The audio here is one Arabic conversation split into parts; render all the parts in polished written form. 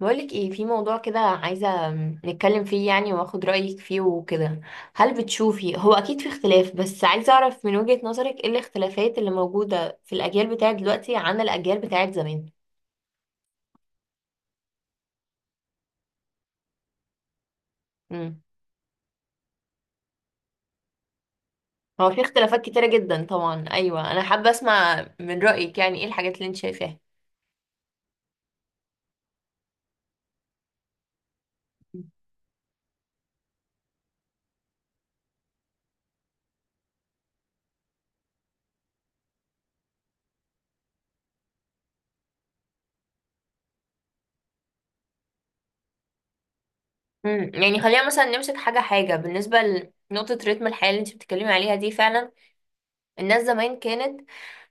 بقولك ايه، في موضوع كده عايزة نتكلم فيه يعني واخد رأيك فيه وكده. هل بتشوفي هو اكيد في اختلاف، بس عايزة اعرف من وجهة نظرك ايه الاختلافات اللي موجودة في الاجيال بتاعت دلوقتي عن الاجيال بتاعت زمان؟ امم هو في اختلافات كتيرة جدا طبعا، ايوه انا حابة اسمع من رأيك يعني ايه الحاجات اللي انت شايفاها. يعني خلينا مثلا نمسك حاجة حاجة. بالنسبة لنقطة رتم الحياة اللي انت بتتكلمي عليها دي، فعلا الناس زمان كانت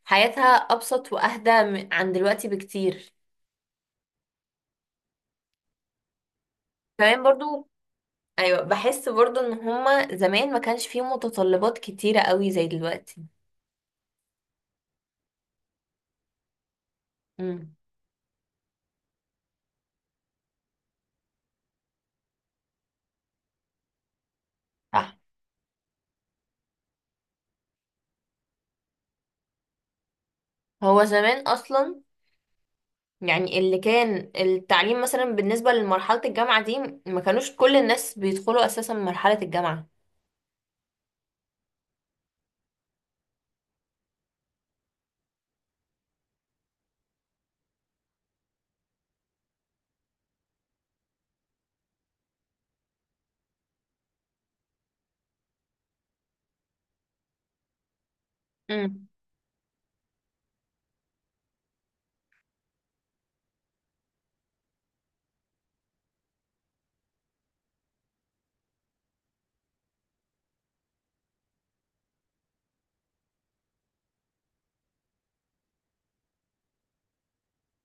حياتها ابسط واهدى عن دلوقتي بكتير. كمان برضو ايوه، بحس برضو ان هما زمان ما كانش فيه متطلبات كتيرة قوي زي دلوقتي. امم. صح. هو زمان اصلا يعني اللي كان التعليم مثلا بالنسبة لمرحلة الجامعة دي ما كانوش كل الناس بيدخلوا اساسا مرحلة الجامعة. امم.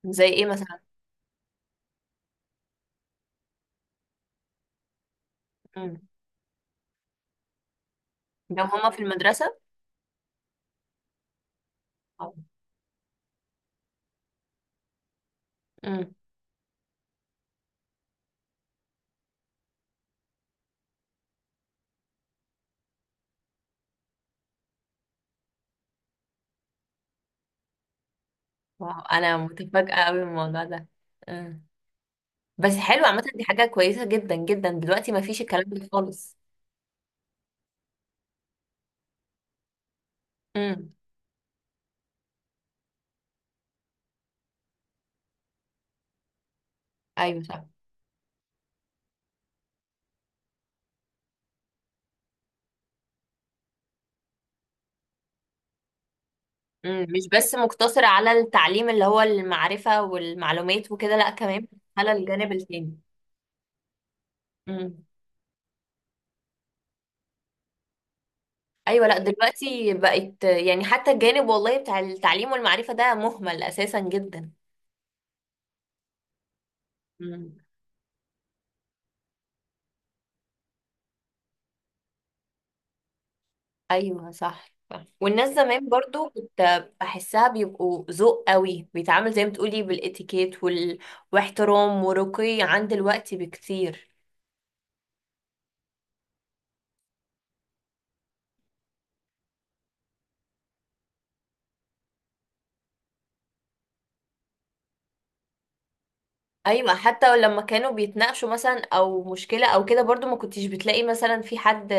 زي ايه مثلا؟ امم. لو هما في المدرسة. امم. واو، انا متفاجئة قوي من الموضوع ده. امم. بس حلو، عامة دي حاجة كويسة جدا جدا، دلوقتي ما فيش الكلام ده خالص. امم. ايوه صح. مم، مش بس مقتصر على التعليم اللي هو المعرفة والمعلومات وكده، لا كمان على الجانب التاني. مم. ايوه، لا دلوقتي بقت يعني حتى الجانب والله بتاع التعليم والمعرفة ده مهمل اساسا جدا. مم. ايوه صح صح. والناس زمان برضو كنت بحسها بيبقوا ذوق قوي، بيتعامل زي ما بتقولي بالاتيكيت واحترام ورقي عن دلوقتي بكتير. ايوه، حتى لما كانوا بيتناقشوا مثلا او مشكله او كده برضو ما كنتش بتلاقي مثلا في حد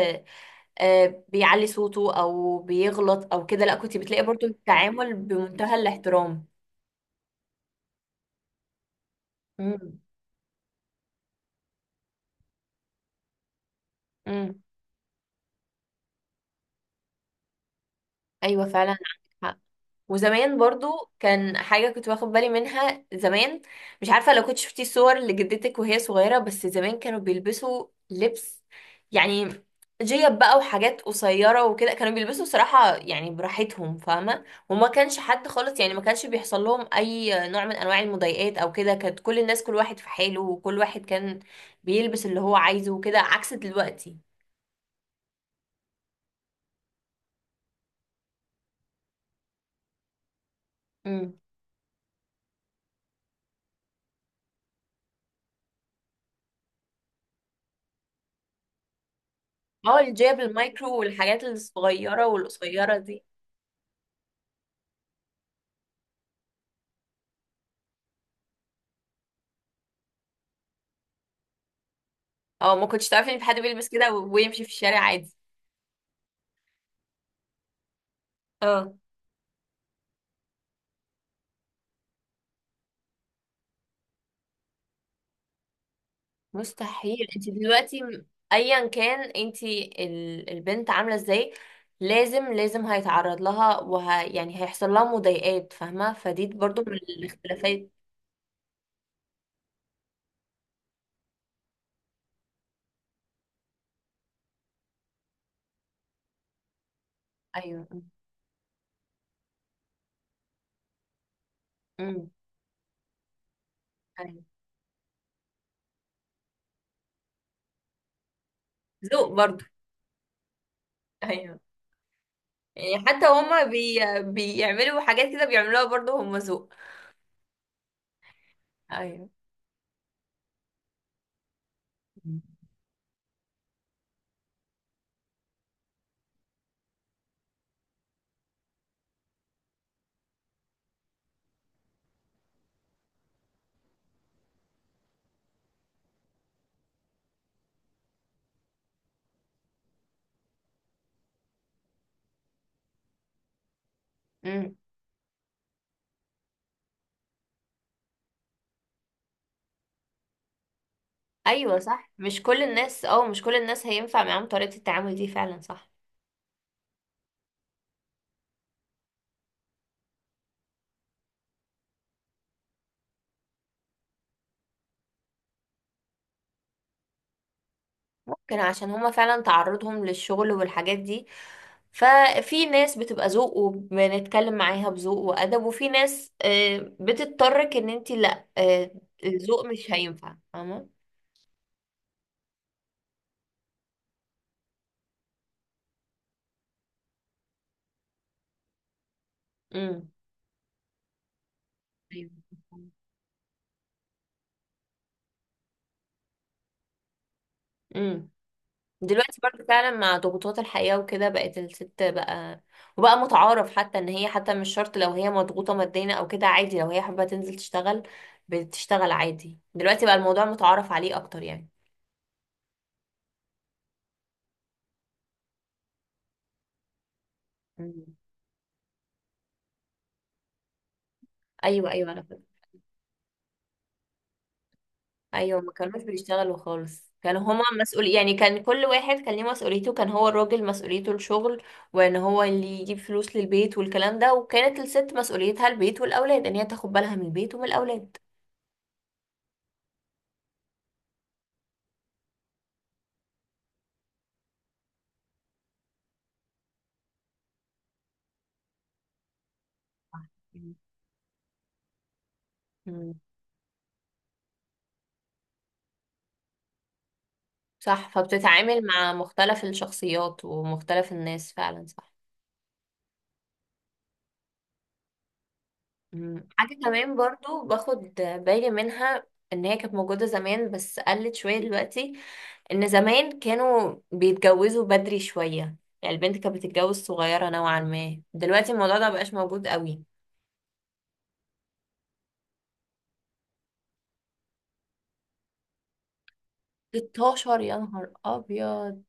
بيعلي صوته او بيغلط او كده، لا كنت بتلاقي برضو التعامل بمنتهى الاحترام. امم. امم. ايوه فعلا عندك حق. وزمان برضو كان حاجة كنت واخد بالي منها زمان، مش عارفة لو كنت شفتي صور لجدتك وهي صغيرة، بس زمان كانوا بيلبسوا لبس، يعني جيب بقى وحاجات قصيرة وكده. كانوا بيلبسوا صراحة يعني براحتهم، فاهمة. وما كانش حد خالص، يعني ما كانش بيحصل لهم أي نوع من أنواع المضايقات أو كده. كانت كل الناس كل واحد في حاله، وكل واحد كان بيلبس اللي هو عايزه وكده، عكس دلوقتي. امم. اه الجيب المايكرو والحاجات الصغيرة والقصيرة دي. اه ما كنتش تعرفي ان في حد بيلبس كده ويمشي في الشارع عادي. اه مستحيل. انت دلوقتي ايا كان انت البنت عامله ازاي لازم لازم هيتعرض لها، وه يعني هيحصل لها مضايقات، فاهمه، فدي برضو من الاختلافات. ايوه. امم. ايوه ذوق برضو. ايوه يعني حتى هما بيعملوا حاجات كده بيعملوها برضو هما ذوق. ايوه. امم. ايوه صح، مش كل الناس، اه مش كل الناس هينفع معاهم طريقه التعامل دي، فعلا صح. ممكن عشان هما فعلا تعرضهم للشغل والحاجات دي، ففي ناس بتبقى ذوق وبنتكلم معاها بذوق وأدب، وفي ناس بتضطرك ان انتي لا، الذوق مش هينفع، فاهمة. امم. أيوة. امم. دلوقتي برضه فعلا مع ضغوطات الحياة وكده بقت الست بقى، وبقى متعارف حتى ان هي حتى مش شرط لو هي مضغوطة ماديا او كده، عادي لو هي حابة تنزل تشتغل بتشتغل عادي. دلوقتي بقى الموضوع متعارف عليه اكتر يعني. مم. ايوه ايوه انا، ايوه ما كانوش بيشتغلوا خالص، كانوا هما مسؤول يعني كان كل واحد كان ليه مسؤوليته، كان هو الراجل مسؤوليته الشغل وان هو اللي يجيب فلوس للبيت والكلام ده، وكانت الست مسؤوليتها البيت والاولاد ان هي تاخد بالها من البيت ومن الاولاد. مم. صح، فبتتعامل مع مختلف الشخصيات ومختلف الناس، فعلا صح. مم. حاجة كمان برضو باخد بالي منها ان هي كانت موجودة زمان بس قلت شوية دلوقتي، ان زمان كانوا بيتجوزوا بدري شوية، يعني البنت كانت بتتجوز صغيرة نوعا ما، دلوقتي الموضوع ده مبقاش موجود قوي. 16 يا نهار ابيض!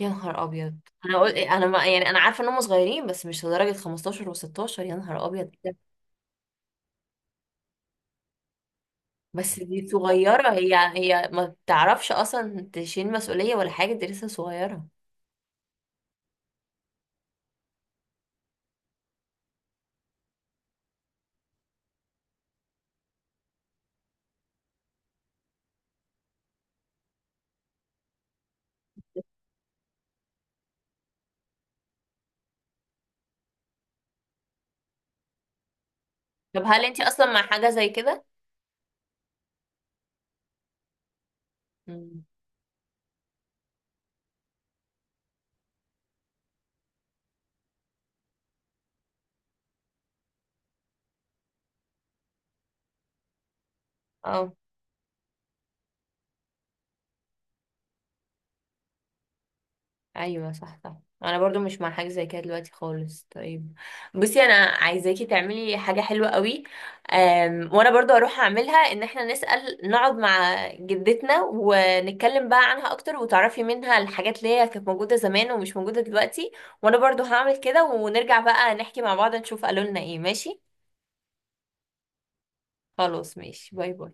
يا نهار ابيض! انا قلت إيه، انا ما يعني انا عارفة ان هم صغيرين بس مش لدرجة 15 و16، يا نهار ابيض إيه ده؟ بس دي صغيرة، هي هي ما بتعرفش اصلا تشيل مسؤولية ولا حاجة، دي لسه صغيرة. طب هل انتي اصلا مع حاجة زي كده؟ مم. اه ايوه صح صح، انا برضو مش مع حاجه زي كده دلوقتي خالص. طيب بصي، انا عايزاكي تعملي حاجه حلوه قوي. وانا برضو هروح اعملها، ان احنا نسال، نقعد مع جدتنا ونتكلم بقى عنها اكتر وتعرفي منها الحاجات اللي هي كانت موجوده زمان ومش موجوده دلوقتي. وانا برضو هعمل كده ونرجع بقى نحكي مع بعض نشوف قالوا لنا ايه، ماشي. خلاص ماشي، باي باي.